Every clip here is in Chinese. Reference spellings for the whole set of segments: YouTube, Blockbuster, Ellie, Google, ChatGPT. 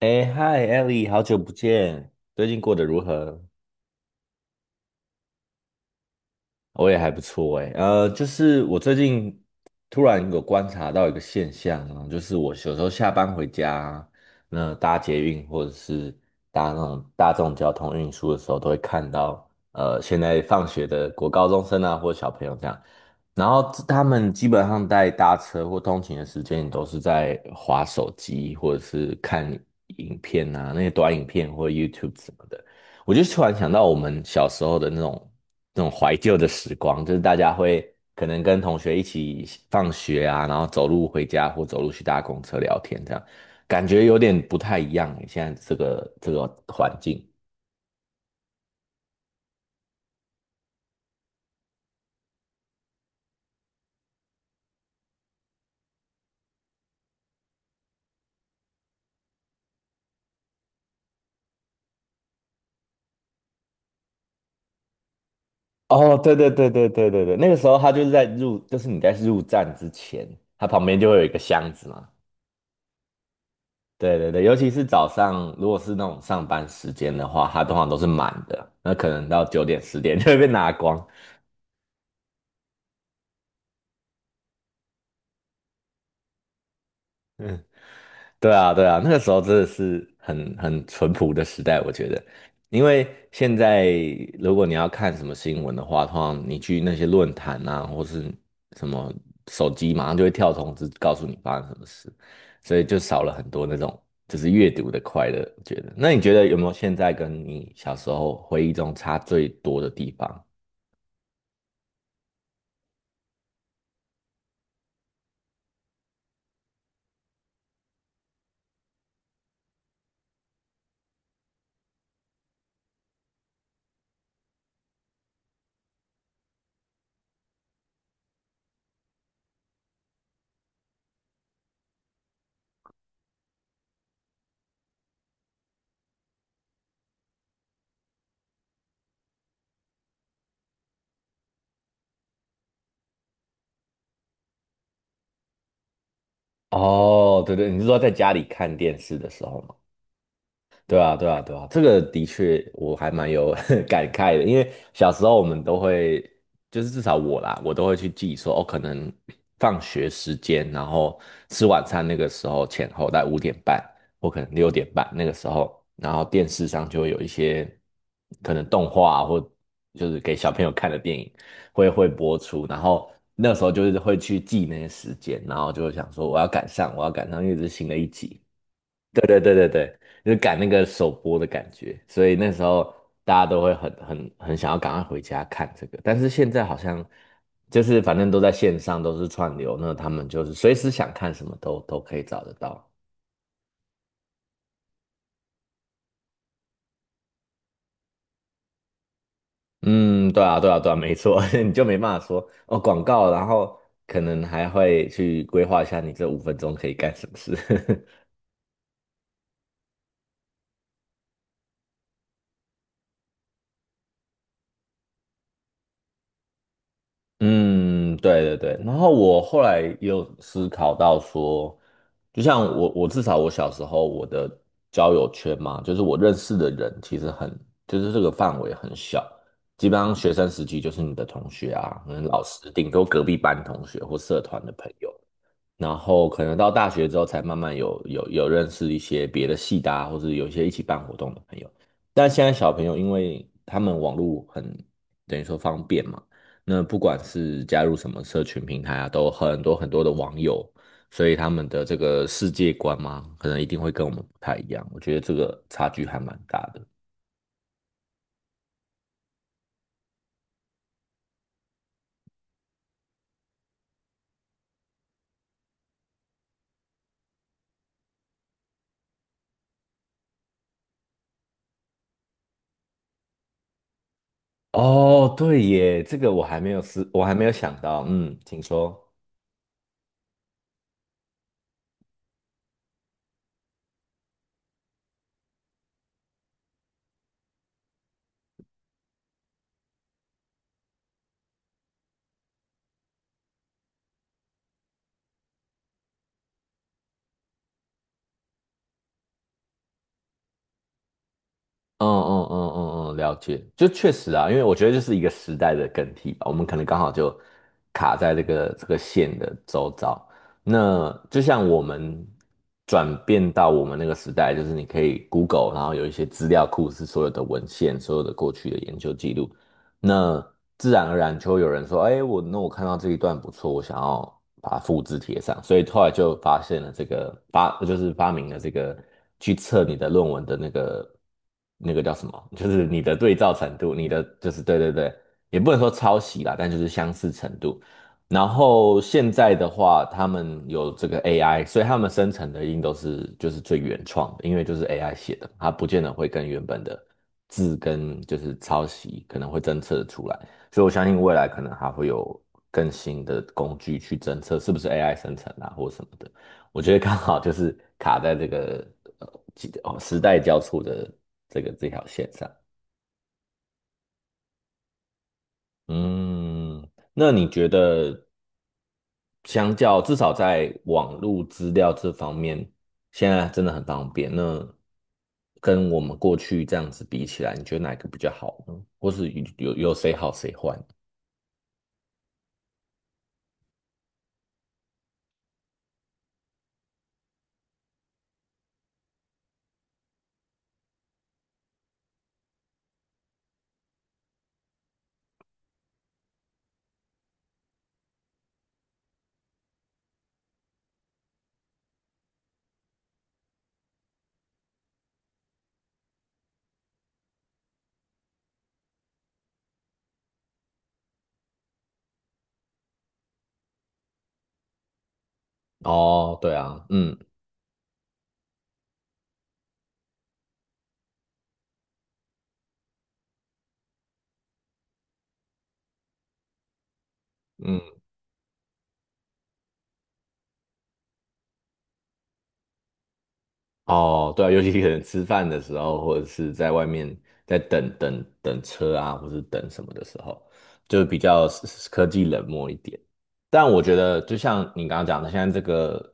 哎，嗨，Ellie，好久不见，最近过得如何？我也还不错哎，就是我最近突然有观察到一个现象啊，就是我有时候下班回家，那搭捷运或者是那种大众交通运输的时候，都会看到，现在放学的国高中生啊，或小朋友这样，然后他们基本上在搭车或通勤的时间，都是在划手机或者是看影片啊，那些短影片或 YouTube 什么的。我就突然想到我们小时候的那种怀旧的时光，就是大家会可能跟同学一起放学啊，然后走路回家或走路去搭公车聊天，这样感觉有点不太一样欸，现在这个环境。哦，对对对对对对对，那个时候他就是在入，就是你在入站之前，他旁边就会有一个箱子嘛。对对对，尤其是早上，如果是那种上班时间的话，它通常都是满的，那可能到九点十点就会被拿光。对啊，对啊，那个时候真的是很淳朴的时代，我觉得，因为现在如果你要看什么新闻的话，通常你去那些论坛啊，或是什么手机，马上就会跳通知告诉你发生什么事，所以就少了很多那种就是阅读的快乐。我觉得，那你觉得有没有现在跟你小时候回忆中差最多的地方？哦，对对，你是说在家里看电视的时候吗？对啊，对啊，对啊，这个的确我还蛮有 感慨的，因为小时候我们都会，就是至少我啦，我都会去记说，哦，可能放学时间，然后吃晚餐那个时候前后在五点半或可能六点半那个时候，然后电视上就会有一些可能动画啊或就是给小朋友看的电影会播出，然后那时候就是会去记那些时间，然后就会想说我要赶上，我要赶上，因为这是新的一集。对对对对对，就是赶那个首播的感觉，所以那时候大家都会很想要赶快回家看这个，但是现在好像就是反正都在线上，都是串流，那他们就是随时想看什么都可以找得到。嗯，对啊，对啊，对啊，没错，你就没办法说哦广告，然后可能还会去规划一下你这五分钟可以干什么事。嗯，对对对。然后我后来也有思考到说，就像我，我至少我小时候我的交友圈嘛，就是我认识的人其实很，就是这个范围很小，基本上学生时期就是你的同学啊，可能老师，顶多隔壁班同学或社团的朋友。然后可能到大学之后才慢慢有认识一些别的系的啊，或者有一些一起办活动的朋友。但现在小朋友，因为他们网络很，等于说方便嘛，那不管是加入什么社群平台啊，都有很多的网友，所以他们的这个世界观嘛，可能一定会跟我们不太一样。我觉得这个差距还蛮大的。哦，对耶，这个我还没有想到。嗯，请说。嗯，了解，就确实啊，因为我觉得就是一个时代的更替吧，我们可能刚好就卡在这个线的周遭。那就像我们转变到我们那个时代，就是你可以 Google，然后有一些资料库是所有的文献、所有的过去的研究记录，那自然而然就会有人说，哎，我看到这一段不错，我想要把它复制贴上，所以后来就发现了这个发，就是发明了这个去测你的论文的那个叫什么，就是你的对照程度，你的就是对对对，也不能说抄袭啦，但就是相似程度。然后现在的话，他们有这个 AI，所以他们生成的音都是就是最原创的，因为就是 AI 写的，它不见得会跟原本的字跟就是抄袭可能会侦测出来，所以我相信未来可能还会有更新的工具去侦测是不是 AI 生成啊或什么的。我觉得刚好就是卡在这个呃几哦时代交错的这条线上。嗯，那你觉得相较至少在网络资料这方面，现在真的很方便。那跟我们过去这样子比起来，你觉得哪一个比较好呢？或是有谁好谁坏？哦，对啊，嗯嗯。哦，对啊，尤其可能吃饭的时候，或者是在外面在等车啊，或是等什么的时候，就比较科技冷漠一点。但我觉得，就像你刚刚讲的，现在这个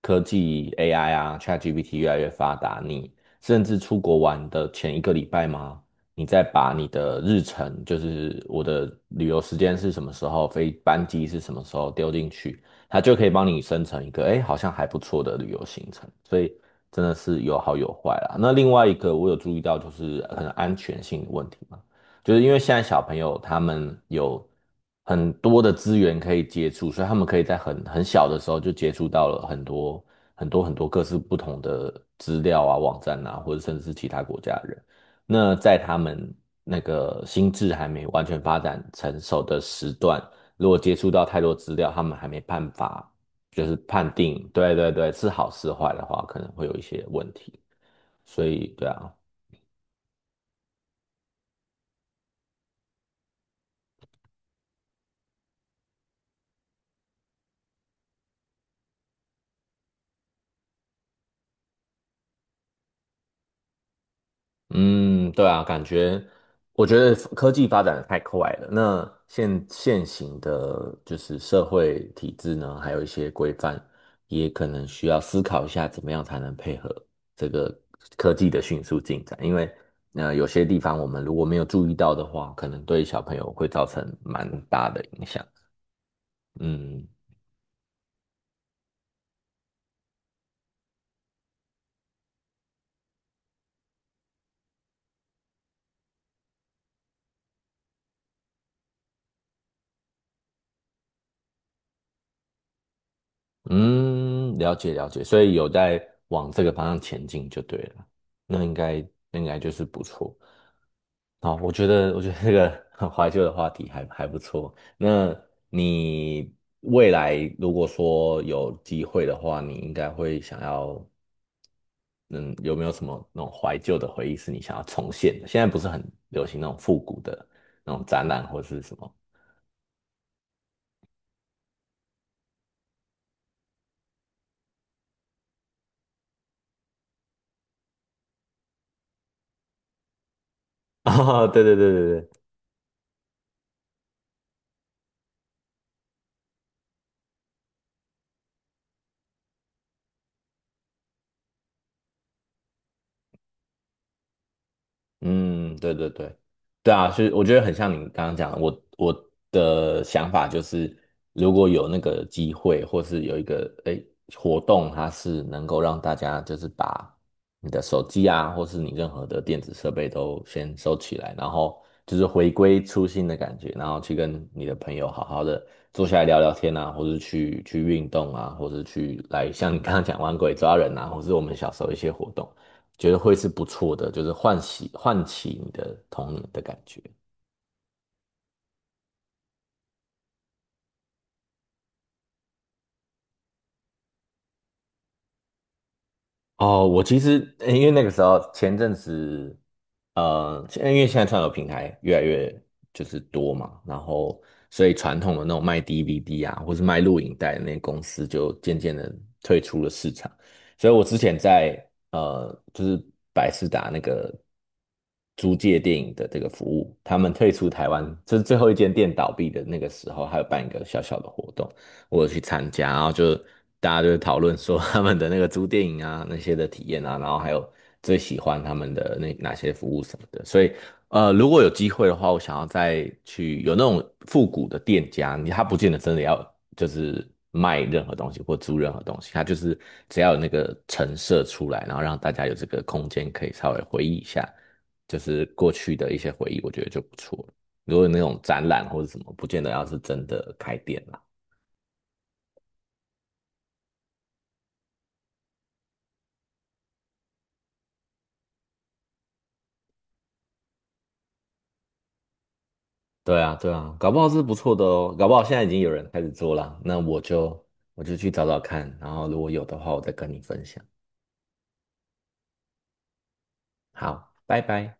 科技 AI 啊，ChatGPT 越来越发达，你甚至出国玩的前一个礼拜吗？你再把你的日程，就是我的旅游时间是什么时候，飞班机是什么时候丢进去，它就可以帮你生成一个，哎，好像还不错的旅游行程。所以真的是有好有坏啦。那另外一个我有注意到就是可能安全性的问题嘛，就是因为现在小朋友他们有很多的资源可以接触，所以他们可以在很小的时候就接触到了很多各式不同的资料啊、网站啊，或者甚至是其他国家的人。那在他们那个心智还没完全发展成熟的时段，如果接触到太多资料，他们还没办法就是判定，对对对，是好是坏的话，可能会有一些问题。所以，对啊，嗯，对啊，感觉我觉得科技发展得太快了。那现行的就是社会体制呢，还有一些规范，也可能需要思考一下，怎么样才能配合这个科技的迅速进展。因为，那有些地方我们如果没有注意到的话，可能对小朋友会造成蛮大的影响。嗯，嗯，了解了解，所以有在往这个方向前进就对了，那应该就是不错。好，我觉得这个很怀旧的话题还还不错。那你未来如果说有机会的话，你应该会想要，嗯，有没有什么那种怀旧的回忆是你想要重现的？现在不是很流行那种复古的那种展览或是什么？哦，对对对对对，嗯，对对对，对啊，是我觉得很像你刚刚讲的，我的想法就是，如果有那个机会，或是有一个诶活动，它是能够让大家就是把你的手机啊，或是你任何的电子设备都先收起来，然后就是回归初心的感觉，然后去跟你的朋友好好的坐下来聊聊天啊，或是去运动啊，或是去来像你刚刚讲玩鬼抓人啊，或是我们小时候一些活动。觉得会是不错的，就是唤起你的童年的感觉。哦，我其实因为那个时候前阵子，因为现在串流平台越来越就是多嘛，然后所以传统的那种卖 DVD 啊，或是卖录影带的那些公司就渐渐的退出了市场。所以我之前在就是百视达那个租借电影的这个服务，他们退出台湾，就是最后一间店倒闭的那个时候，还有办一个小小的活动。我有去参加，然后就大家就会讨论说 他们的那个租电影啊那些的体验啊，然后还有最喜欢他们的哪些服务什么的。所以如果有机会的话，我想要再去有那种复古的店家，他不见得真的要就是卖任何东西或租任何东西，他就是只要有那个陈设出来，然后让大家有这个空间可以稍微回忆一下，就是过去的一些回忆，我觉得就不错了，如果有那种展览或者什么，不见得要是真的开店啦。对啊，对啊，搞不好是不错的哦，搞不好现在已经有人开始做了，那我就去找找看，然后如果有的话，我再跟你分享。好，拜拜。